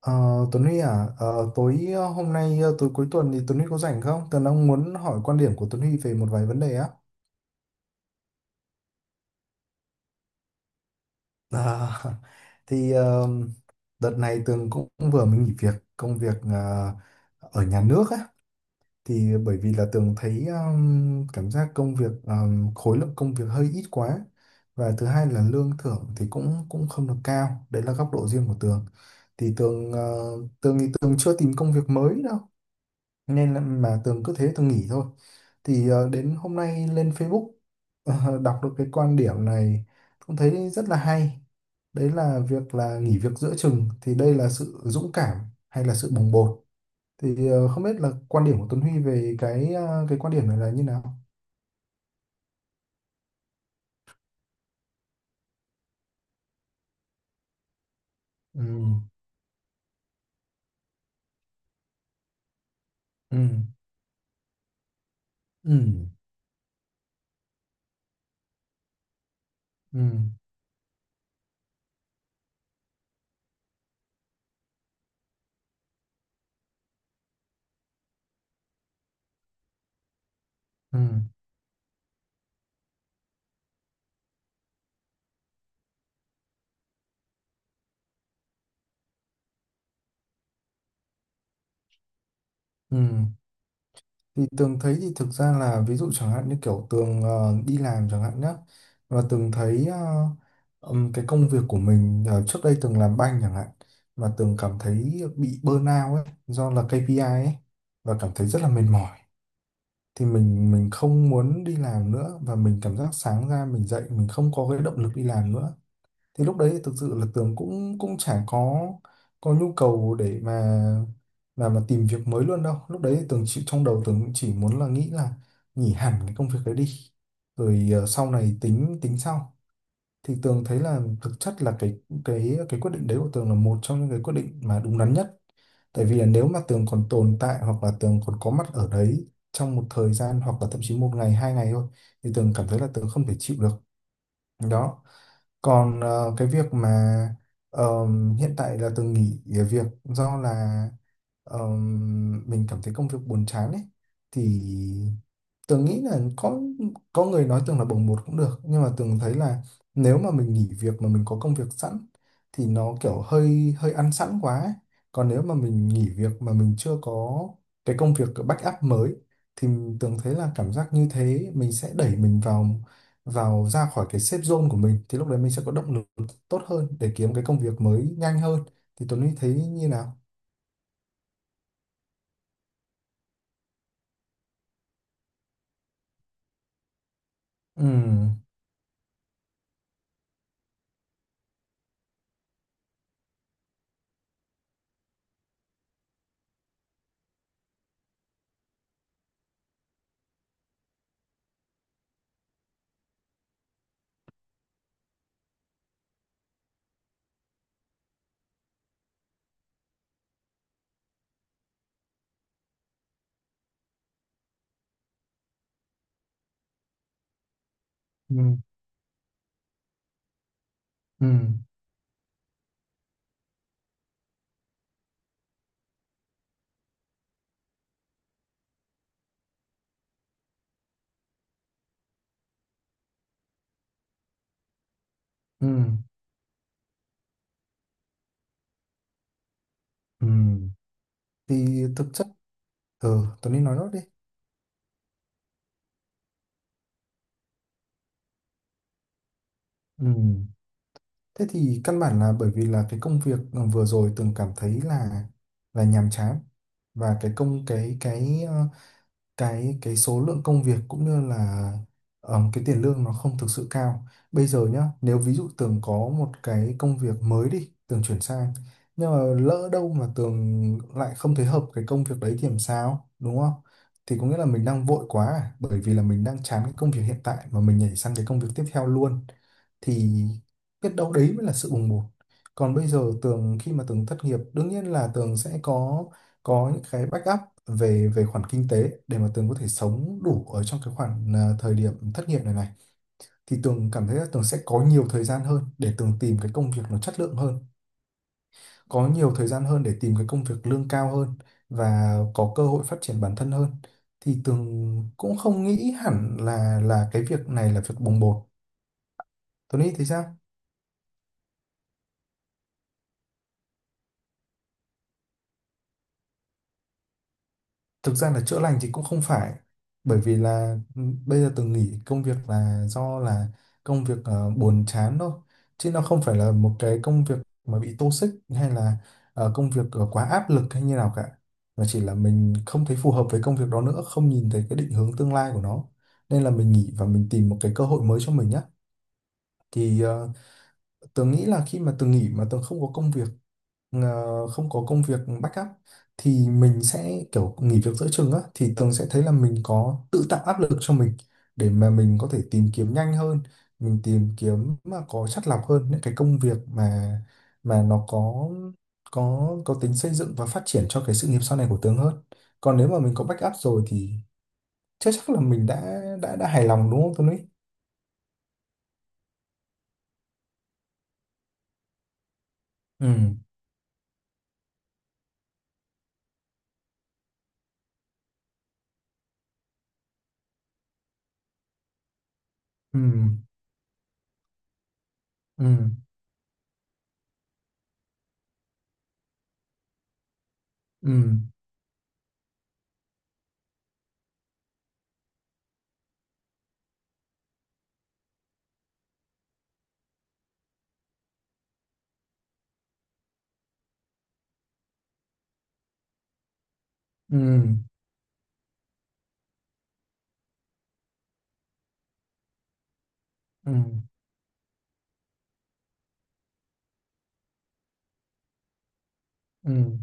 Ờ, Tuấn Huy à, tối hôm nay tối cuối tuần thì Tuấn Huy có rảnh không? Tớ đang muốn hỏi quan điểm của Tuấn Huy về một vài vấn đề á. Ờ, thì đợt này Tường cũng vừa mới nghỉ việc công việc ở nhà nước á, thì bởi vì là Tường thấy cảm giác công việc khối lượng công việc hơi ít quá và thứ hai là lương thưởng thì cũng cũng không được cao. Đấy là góc độ riêng của Tường. Thì Tường chưa tìm công việc mới đâu nên là mà Tường cứ thế Tường nghỉ thôi. Thì đến hôm nay lên Facebook, đọc được cái quan điểm này cũng thấy rất là hay. Đấy là việc là nghỉ việc giữa chừng thì đây là sự dũng cảm hay là sự bồng bột. Thì không biết là quan điểm của Tuấn Huy về cái quan điểm này là như nào. Ừ, ừ, ừ, ừ, ừ, ừ. Thì Tường thấy thì thực ra là ví dụ chẳng hạn như kiểu Tường đi làm chẳng hạn nhá, và Tường thấy cái công việc của mình, trước đây Tường làm banh chẳng hạn, mà Tường cảm thấy bị burnout ấy do là KPI ấy, và cảm thấy rất là mệt mỏi. Thì mình không muốn đi làm nữa, và mình cảm giác sáng ra mình dậy mình không có cái động lực đi làm nữa. Thì lúc đấy thì thực sự là Tường cũng cũng chả có nhu cầu để mà mà tìm việc mới luôn đâu. Lúc đấy thì Tường chỉ, trong đầu Tường cũng chỉ muốn là nghĩ là nghỉ hẳn cái công việc đấy đi, rồi sau này tính tính sau. Thì Tường thấy là thực chất là cái quyết định đấy của Tường là một trong những cái quyết định mà đúng đắn nhất, tại vì là nếu mà Tường còn tồn tại hoặc là Tường còn có mặt ở đấy trong một thời gian hoặc là thậm chí một ngày hai ngày thôi thì Tường cảm thấy là Tường không thể chịu được đó. Còn cái việc mà hiện tại là từng nghỉ việc do là, mình cảm thấy công việc buồn chán ấy, thì Tường nghĩ là có người nói Tường là bồng bột cũng được, nhưng mà Tường thấy là nếu mà mình nghỉ việc mà mình có công việc sẵn thì nó kiểu hơi hơi ăn sẵn quá ấy. Còn nếu mà mình nghỉ việc mà mình chưa có cái công việc backup mới thì Tường thấy là cảm giác như thế mình sẽ đẩy mình vào vào ra khỏi cái safe zone của mình, thì lúc đấy mình sẽ có động lực tốt hơn để kiếm cái công việc mới nhanh hơn. Thì Tuấn Huy thấy như nào? Ừ, ừ, ừ, ừ, ừ. Thì thực chất ừ, Tuấn Huy nói nốt đi. Ừ. Thế thì căn bản là bởi vì là cái công việc vừa rồi từng cảm thấy là nhàm chán, và cái công cái ờ, cái số lượng công việc cũng như là cái tiền lương nó không thực sự cao. Bây giờ nhá, nếu ví dụ Tường có một cái công việc mới đi, Tường chuyển sang, nhưng mà lỡ đâu mà Tường lại không thấy hợp cái công việc đấy thì làm sao, đúng không? Thì có nghĩa là mình đang vội quá à, bởi vì là mình đang chán cái công việc hiện tại mà mình nhảy sang cái công việc tiếp theo luôn, thì biết đâu đấy mới là sự bùng bột. Còn bây giờ Tường khi mà Tường thất nghiệp, đương nhiên là Tường sẽ có những cái backup về về khoản kinh tế để mà Tường có thể sống đủ ở trong cái khoản à, thời điểm thất nghiệp này này. Thì Tường cảm thấy là Tường sẽ có nhiều thời gian hơn để Tường tìm cái công việc nó chất lượng hơn, có nhiều thời gian hơn để tìm cái công việc lương cao hơn, và có cơ hội phát triển bản thân hơn. Thì Tường cũng không nghĩ hẳn là cái việc này là việc bồng bột. Tường nghĩ thì sao? Thực ra là chữa lành thì cũng không phải, bởi vì là ừ, bây giờ từng nghỉ công việc là do là công việc buồn chán thôi, chứ nó không phải là một cái công việc mà bị toxic hay là công việc quá áp lực hay như nào cả, mà chỉ là mình không thấy phù hợp với công việc đó nữa, không nhìn thấy cái định hướng tương lai của nó, nên là mình nghỉ và mình tìm một cái cơ hội mới cho mình nhé. Thì tớ nghĩ là khi mà tớ nghỉ mà tớ không có công việc, không có công việc backup, thì mình sẽ kiểu nghỉ việc giữa chừng á, thì tường sẽ thấy là mình có tự tạo áp lực cho mình để mà mình có thể tìm kiếm nhanh hơn, mình tìm kiếm mà có chắt lọc hơn những cái công việc mà nó có có tính xây dựng và phát triển cho cái sự nghiệp sau này của tường hơn. Còn nếu mà mình có backup rồi thì chắc chắc là mình đã hài lòng, đúng không Tuấn Lý? Ừ, ừ, ừ, ừ, ừ, ừ, ừ,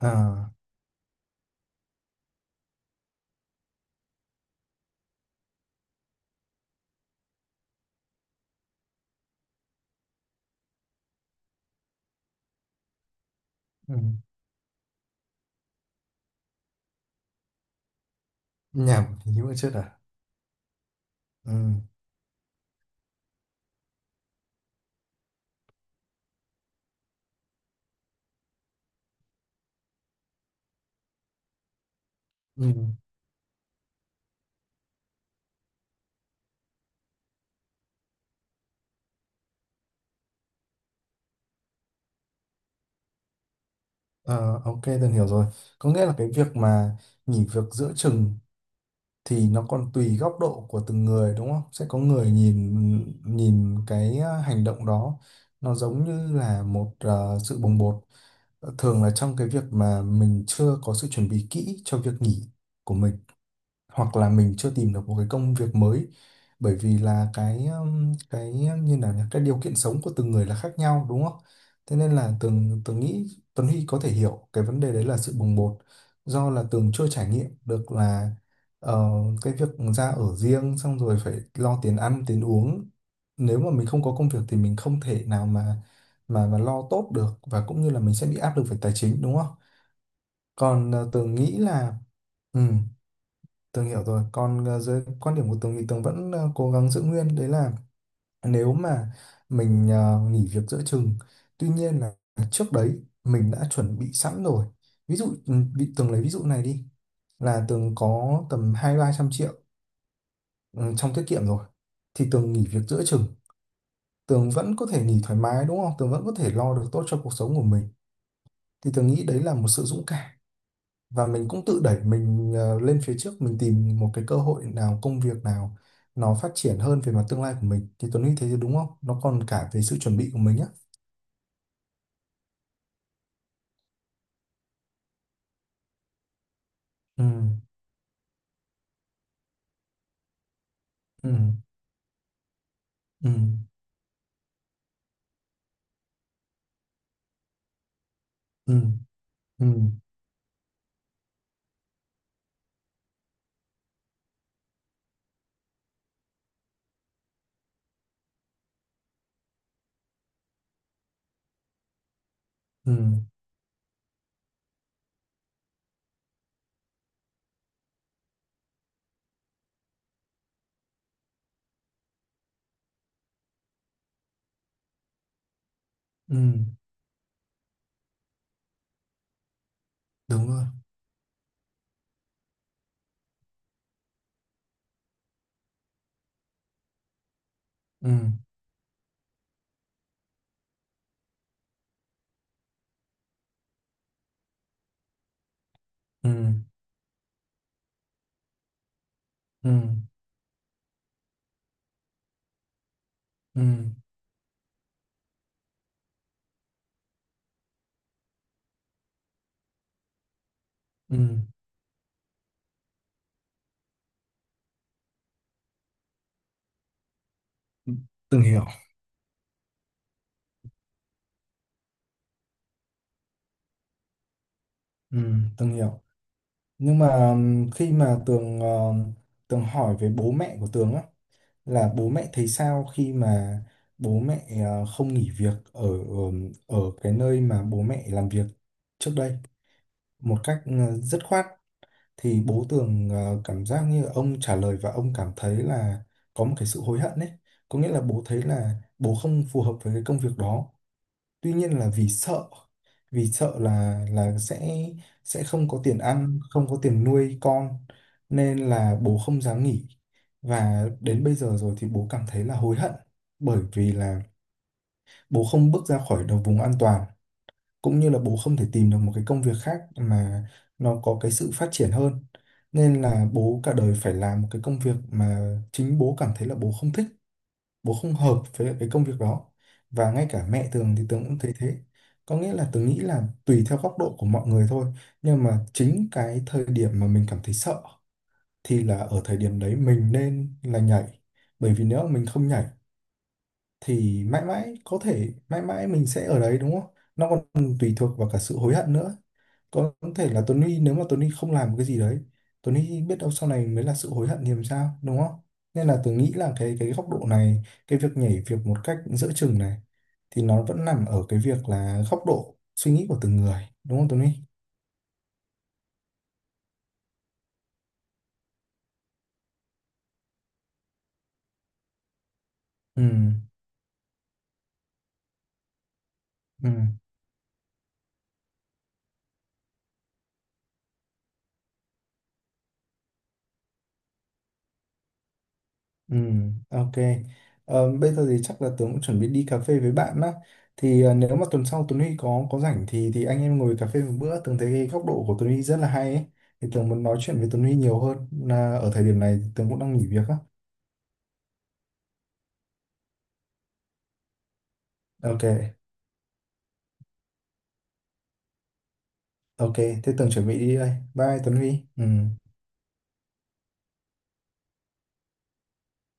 à, ừ. Nhảm thì hiểu chết à. Ừ, ừ. Ờ, ok tôi hiểu rồi. Có nghĩa là cái việc mà nghỉ việc giữa chừng thì nó còn tùy góc độ của từng người đúng không, sẽ có người nhìn nhìn cái ờ, hành động đó nó giống như là một sự bồng bột. Ờ, thường là trong cái việc mà mình chưa có sự chuẩn bị kỹ cho việc nghỉ của mình, hoặc là mình chưa tìm được một cái công việc mới, bởi vì là cái như là cái điều kiện sống của từng người là khác nhau đúng không? Thế nên là Tường Tường nghĩ Tuấn Huy có thể hiểu cái vấn đề đấy là sự bồng bột, do là Tường chưa trải nghiệm được là, ờ, cái việc ra ở riêng xong rồi phải lo tiền ăn tiền uống, nếu mà mình không có công việc thì mình không thể nào mà mà lo tốt được, và cũng như là mình sẽ bị áp lực về tài chính đúng không? Còn Tường nghĩ là ừ, Tường hiểu rồi. Còn dưới quan điểm của Tường thì Tường vẫn cố gắng giữ nguyên. Đấy là nếu mà mình nghỉ việc giữa chừng, tuy nhiên là trước đấy mình đã chuẩn bị sẵn rồi. Ví dụ ừ, bị Tường lấy ví dụ này đi là Tường có tầm hai ba trăm triệu ừ, trong tiết kiệm rồi, thì Tường nghỉ việc giữa chừng, Tường vẫn có thể nghỉ thoải mái đúng không? Tường vẫn có thể lo được tốt cho cuộc sống của mình. Thì Tường nghĩ đấy là một sự dũng cảm, và mình cũng tự đẩy mình lên phía trước, mình tìm một cái cơ hội nào công việc nào nó phát triển hơn về mặt tương lai của mình. Thì Tuấn nghĩ thế thì đúng không, nó còn cả về sự chuẩn bị của mình á. Ừ, ừ, ừ, ừ, ừ, ừ, ừ, đúng rồi, ừ, ừ, ừ, ừ, ừ, từng hiểu, ừ, từng hiểu. Nhưng mà khi mà Tường hỏi về bố mẹ của Tường á, là bố mẹ thấy sao khi mà bố mẹ không nghỉ việc ở ở ở cái nơi mà bố mẹ làm việc trước đây một cách dứt khoát, thì bố Tường cảm giác như ông trả lời và ông cảm thấy là có một cái sự hối hận đấy. Có nghĩa là bố thấy là bố không phù hợp với cái công việc đó, tuy nhiên là vì sợ, vì sợ là sẽ không có tiền ăn không có tiền nuôi con, nên là bố không dám nghỉ. Và đến bây giờ rồi thì bố cảm thấy là hối hận, bởi vì là bố không bước ra khỏi đầu vùng an toàn, cũng như là bố không thể tìm được một cái công việc khác mà nó có cái sự phát triển hơn, nên là bố cả đời phải làm một cái công việc mà chính bố cảm thấy là bố không thích, bố không hợp với lại cái công việc đó. Và ngay cả mẹ Tường thì Tường cũng thấy thế. Có nghĩa là Tường nghĩ là tùy theo góc độ của mọi người thôi, nhưng mà chính cái thời điểm mà mình cảm thấy sợ thì là ở thời điểm đấy mình nên là nhảy, bởi vì nếu mà mình không nhảy thì mãi mãi có thể mãi mãi mình sẽ ở đấy, đúng không, nó còn tùy thuộc vào cả sự hối hận nữa. Có thể là Tony nếu mà Tony không làm một cái gì đấy, Tony biết đâu sau này mới là sự hối hận thì làm sao đúng không. Nên là tôi nghĩ là cái góc độ này, cái việc nhảy việc một cách giữa chừng này, thì nó vẫn nằm ở cái việc là góc độ suy nghĩ của từng người đúng không Tony. Ừ, ừ. Ừ, ok. Ờ, bây giờ thì chắc là Tường cũng chuẩn bị đi cà phê với bạn á. Thì nếu mà tuần sau Tuấn Huy có rảnh thì anh em ngồi cà phê một bữa. Tường thấy cái góc độ của Tuấn Huy rất là hay ấy. Thì Tường muốn nói chuyện với Tuấn Huy nhiều hơn. Là ở thời điểm này Tường cũng đang nghỉ việc á. Ok, ok. Thế Tường chuẩn bị đi đây. Bye Tuấn Huy. Ừ.